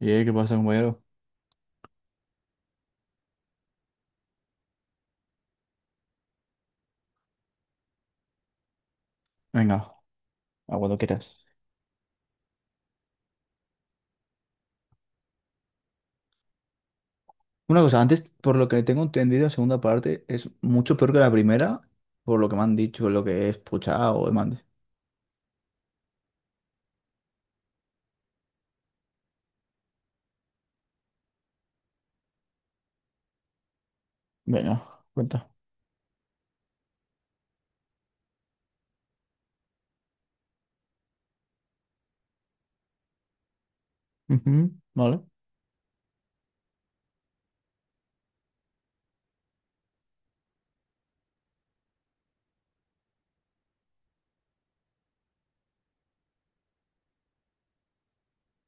Y ¿qué pasa, compañero? Venga, a cuando quieras. Una cosa, antes, por lo que tengo entendido, la segunda parte es mucho peor que la primera, por lo que me han dicho, lo que he escuchado o demás. Venga, cuenta. Ujú. ¿Vale?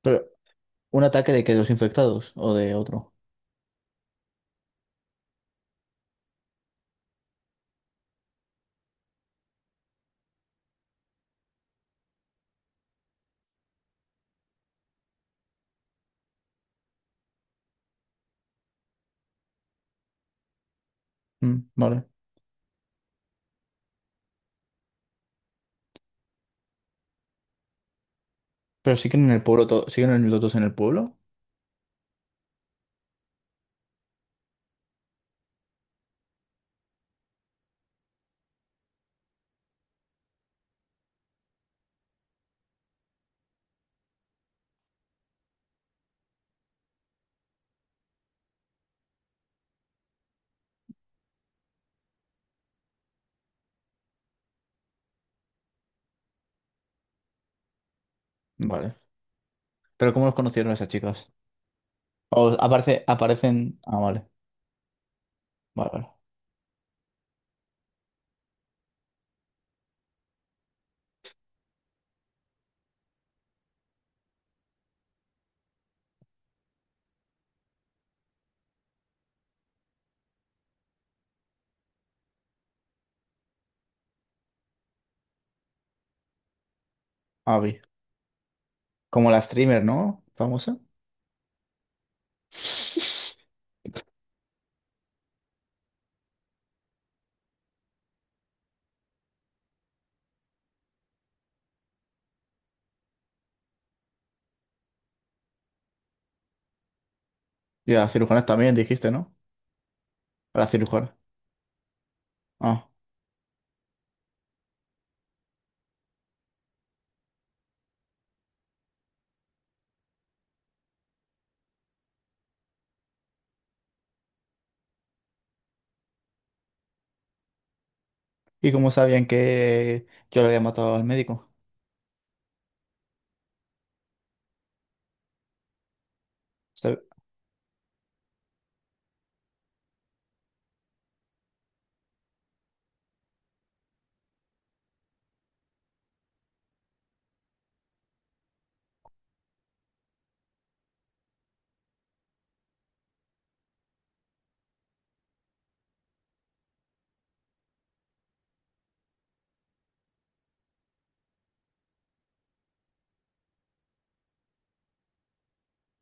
Pero, ¿un ataque de que? ¿De los infectados o de otro? Mm, vale. Pero siguen en el pueblo, siguen en los dos en el pueblo. Vale. Pero ¿cómo los conocieron esas chicas? O aparece, aparecen. Ah, vale. Vale, vale. Ah, como la streamer, ¿no? Famosa. ¿Y a cirujanas también, dijiste, no? A la cirujana. Ah. ¿Y cómo sabían que yo le había matado al médico? Usted-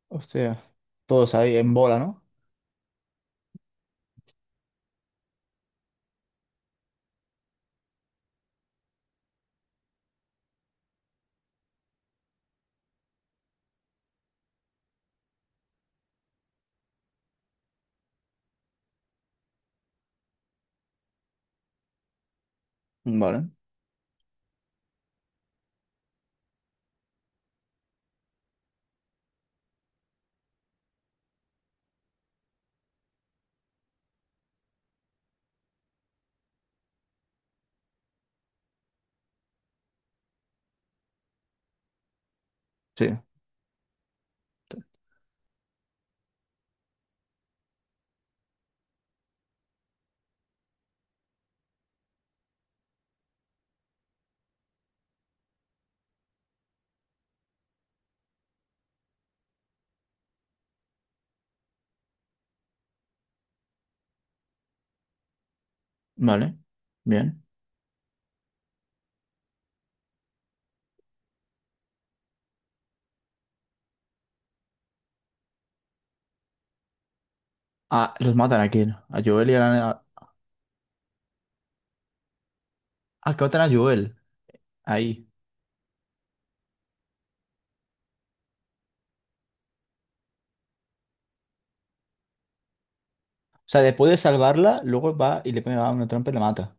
Hostia, todos ahí en bola, ¿no? Vale, sí, vale, bien. Ah, ¿los matan a quién? A Joel y a la... Ah, que matan a Joel, ahí. O sea, después de salvarla, luego va y le pega una trampa y la mata.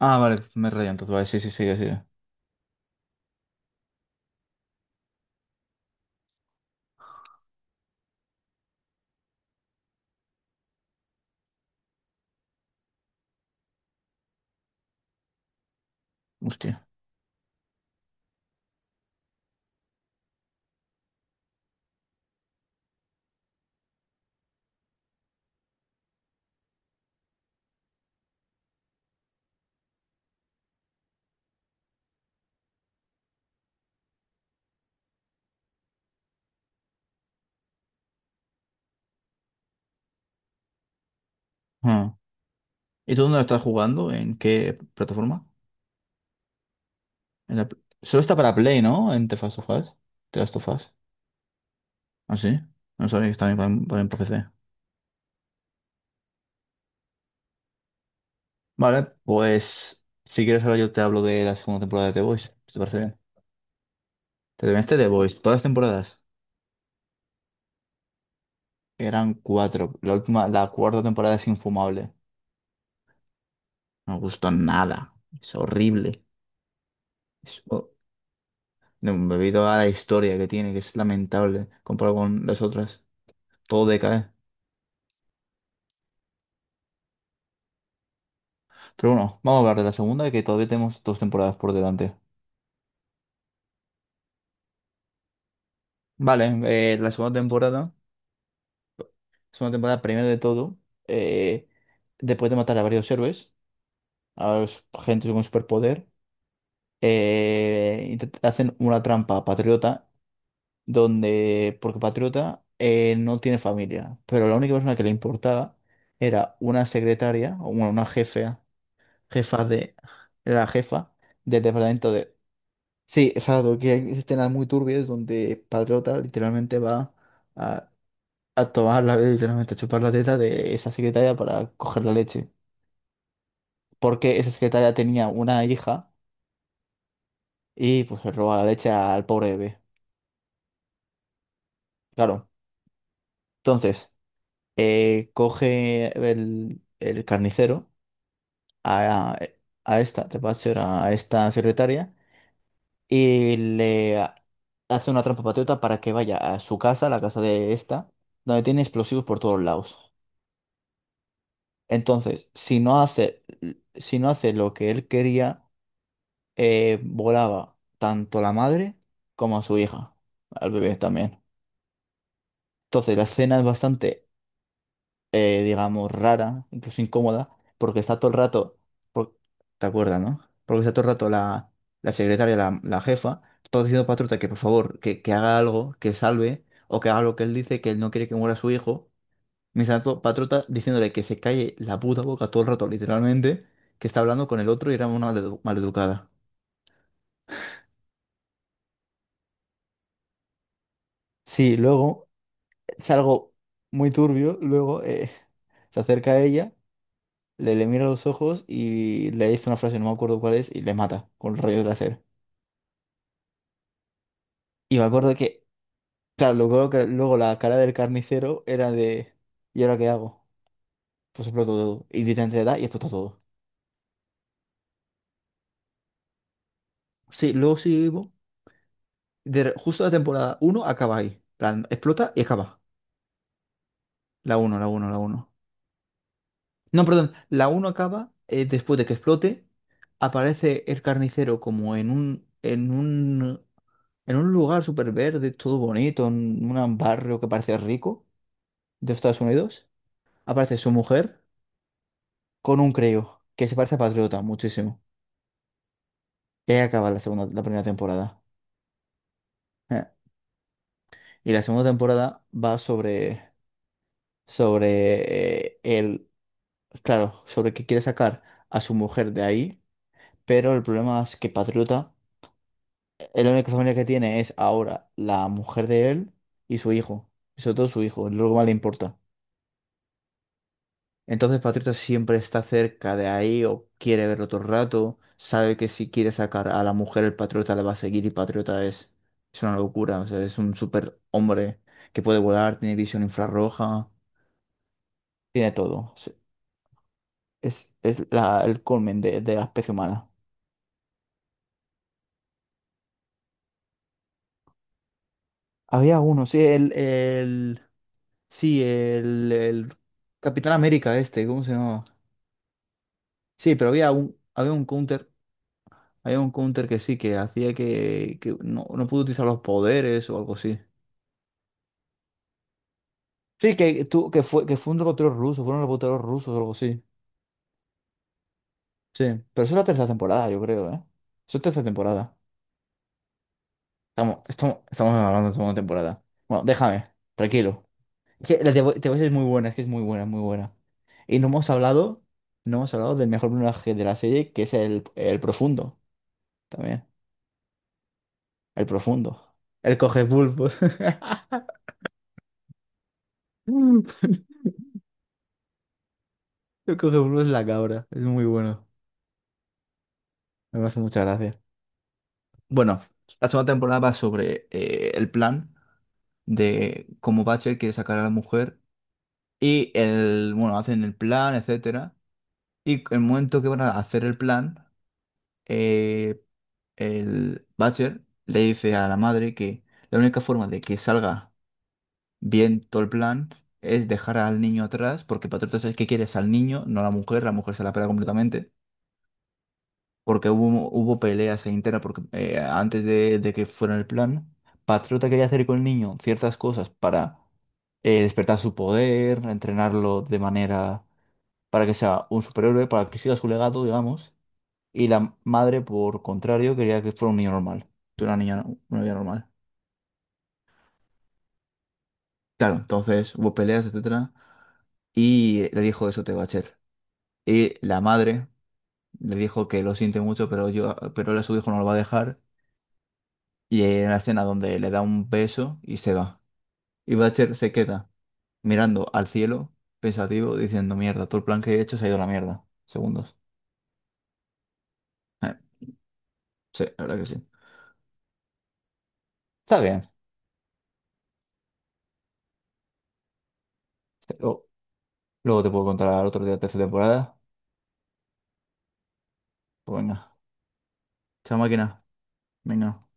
Ah, vale, me he rayado entonces, vale, sí, sí, sí, sí. Hostia. Ah. ¿Y tú dónde lo estás jugando? ¿En qué plataforma? Solo está para Play, ¿no? En The Last of Us. The Last of Us. ¿Ah, sí? No sabía que está bien para PC. Vale, pues si quieres ahora yo te hablo de la segunda temporada de The Voice, si te parece bien. Te terminaste The Voice, todas las temporadas. Eran cuatro. La última, la cuarta temporada es infumable. No me gustó nada. Es horrible. Es ho- no, debido a la historia que tiene, que es lamentable comparado con las otras. Todo decae. Pero bueno, vamos a hablar de la segunda, que todavía tenemos dos temporadas por delante. Vale, la segunda temporada. Segunda temporada, primero de todo. eh, Después de matar a varios héroes, a gente con superpoder. Hacen una trampa a Patriota, donde, porque Patriota no tiene familia, pero la única persona que le importaba era una secretaria, o bueno, una jefe, jefa de, era la jefa del departamento de... Sí, exacto, que hay escenas muy turbias donde Patriota literalmente va a, a tomar la, literalmente a chupar la teta de esa secretaria para coger la leche. Porque esa secretaria tenía una hija y pues le roba la leche al pobre bebé. Claro. Entonces, coge el carnicero a, a esta, te Thatcher, a ser a esta secretaria, y hace una trampa patriota para que vaya a su casa, la casa de esta, donde tiene explosivos por todos lados. Entonces, si no hace, si no hace lo que él quería, volaba tanto a la madre como a su hija, al bebé también. Entonces, la escena es bastante digamos, rara, incluso incómoda, porque está todo el rato, por- ¿te acuerdas, no? Porque está todo el rato la, la secretaria, la jefa, todo diciendo para Truta que por favor, que haga algo, que salve, o que haga lo que él dice, que él no quiere que muera su hijo. Mientras tanto, Patruta diciéndole que se calle la puta boca todo el rato, literalmente, que está hablando con el otro y era una maleducada. Sí, luego es algo muy turbio, luego se acerca a ella. Le mira a los ojos y le dice una frase, no me acuerdo cuál es, y le mata con rayos láser. Y me acuerdo que, claro, luego, luego la cara del carnicero era de, ¿y ahora qué hago? Pues exploto todo. Y literalmente le da y explota todo. Sí, luego sigue vivo. Justo la temporada uno acaba ahí. Plan, explota y acaba. La uno. No, perdón, la uno acaba después de que explote, aparece el carnicero como en un, en un, en un lugar súper verde, todo bonito, en un barrio que parece rico de Estados Unidos. Aparece su mujer con un creo, que se parece a Patriota muchísimo. Y ahí acaba la segunda, la primera temporada. Eh, Y la segunda temporada va sobre, sobre el, claro, sobre que quiere sacar a su mujer de ahí, pero el problema es que Patriota la única familia que tiene es ahora la mujer de él y su hijo. Y sobre todo su hijo, es lo que más le importa. Entonces Patriota siempre está cerca de ahí o quiere verlo todo el rato. Sabe que si quiere sacar a la mujer, el Patriota le va a seguir y Patriota es una locura. O sea, es un super hombre que puede volar, tiene visión infrarroja, tiene todo. Es, es la- el colmen de la especie humana. Había uno, sí, el Capitán América este, ¿cómo se llama? Sí, pero había un counter que sí, que hacía que no, no pudo utilizar los poderes o algo así. Sí, que, tú, que fue un reportero ruso, fueron reporteros rusos o algo así. Sí, pero eso es la tercera temporada, yo creo, ¿eh? Eso es tercera temporada. Estamos hablando de segunda temporada. Bueno, déjame, tranquilo. Es que la de The Voice es muy buena, es que es muy buena, muy buena. Y no hemos hablado, no hemos hablado del mejor personaje de la serie, que es el profundo, también. El profundo. El coge pulpos. Yo creo que Bruno es la cabra. Es muy bueno. Me hace mucha gracia. Bueno, la segunda temporada va sobre el plan de cómo Butcher quiere sacar a la mujer. Y el, bueno, hacen el plan, etcétera. Y el momento que van a hacer el plan, eh, el Butcher le dice a la madre que la única forma de que salga bien todo el plan es dejar al niño atrás, porque Patriotas es el que quieres al niño, no a la mujer se la pela completamente. Porque hubo, hubo peleas ahí internas, porque antes de que fuera el plan, Patriota quería hacer con el niño ciertas cosas para despertar su poder, entrenarlo de manera para que sea un superhéroe, para que siga su legado, digamos, y la madre, por contrario, quería que fuera un niño normal, que una niña normal. Claro, entonces hubo peleas, etcétera, y le dijo eso te va a hacer. Y la madre le dijo que lo siente mucho, pero yo, pero él a su hijo no lo va a dejar. Y hay una escena donde le da un beso y se va. Y Butcher se queda mirando al cielo, pensativo, diciendo, mierda, todo el plan que he hecho se ha ido a la mierda. Segundos. Eh, sí, la verdad que sí. Está bien. Luego, luego te puedo contar otro día de esta temporada. Pues venga. Chao, máquina. Venga.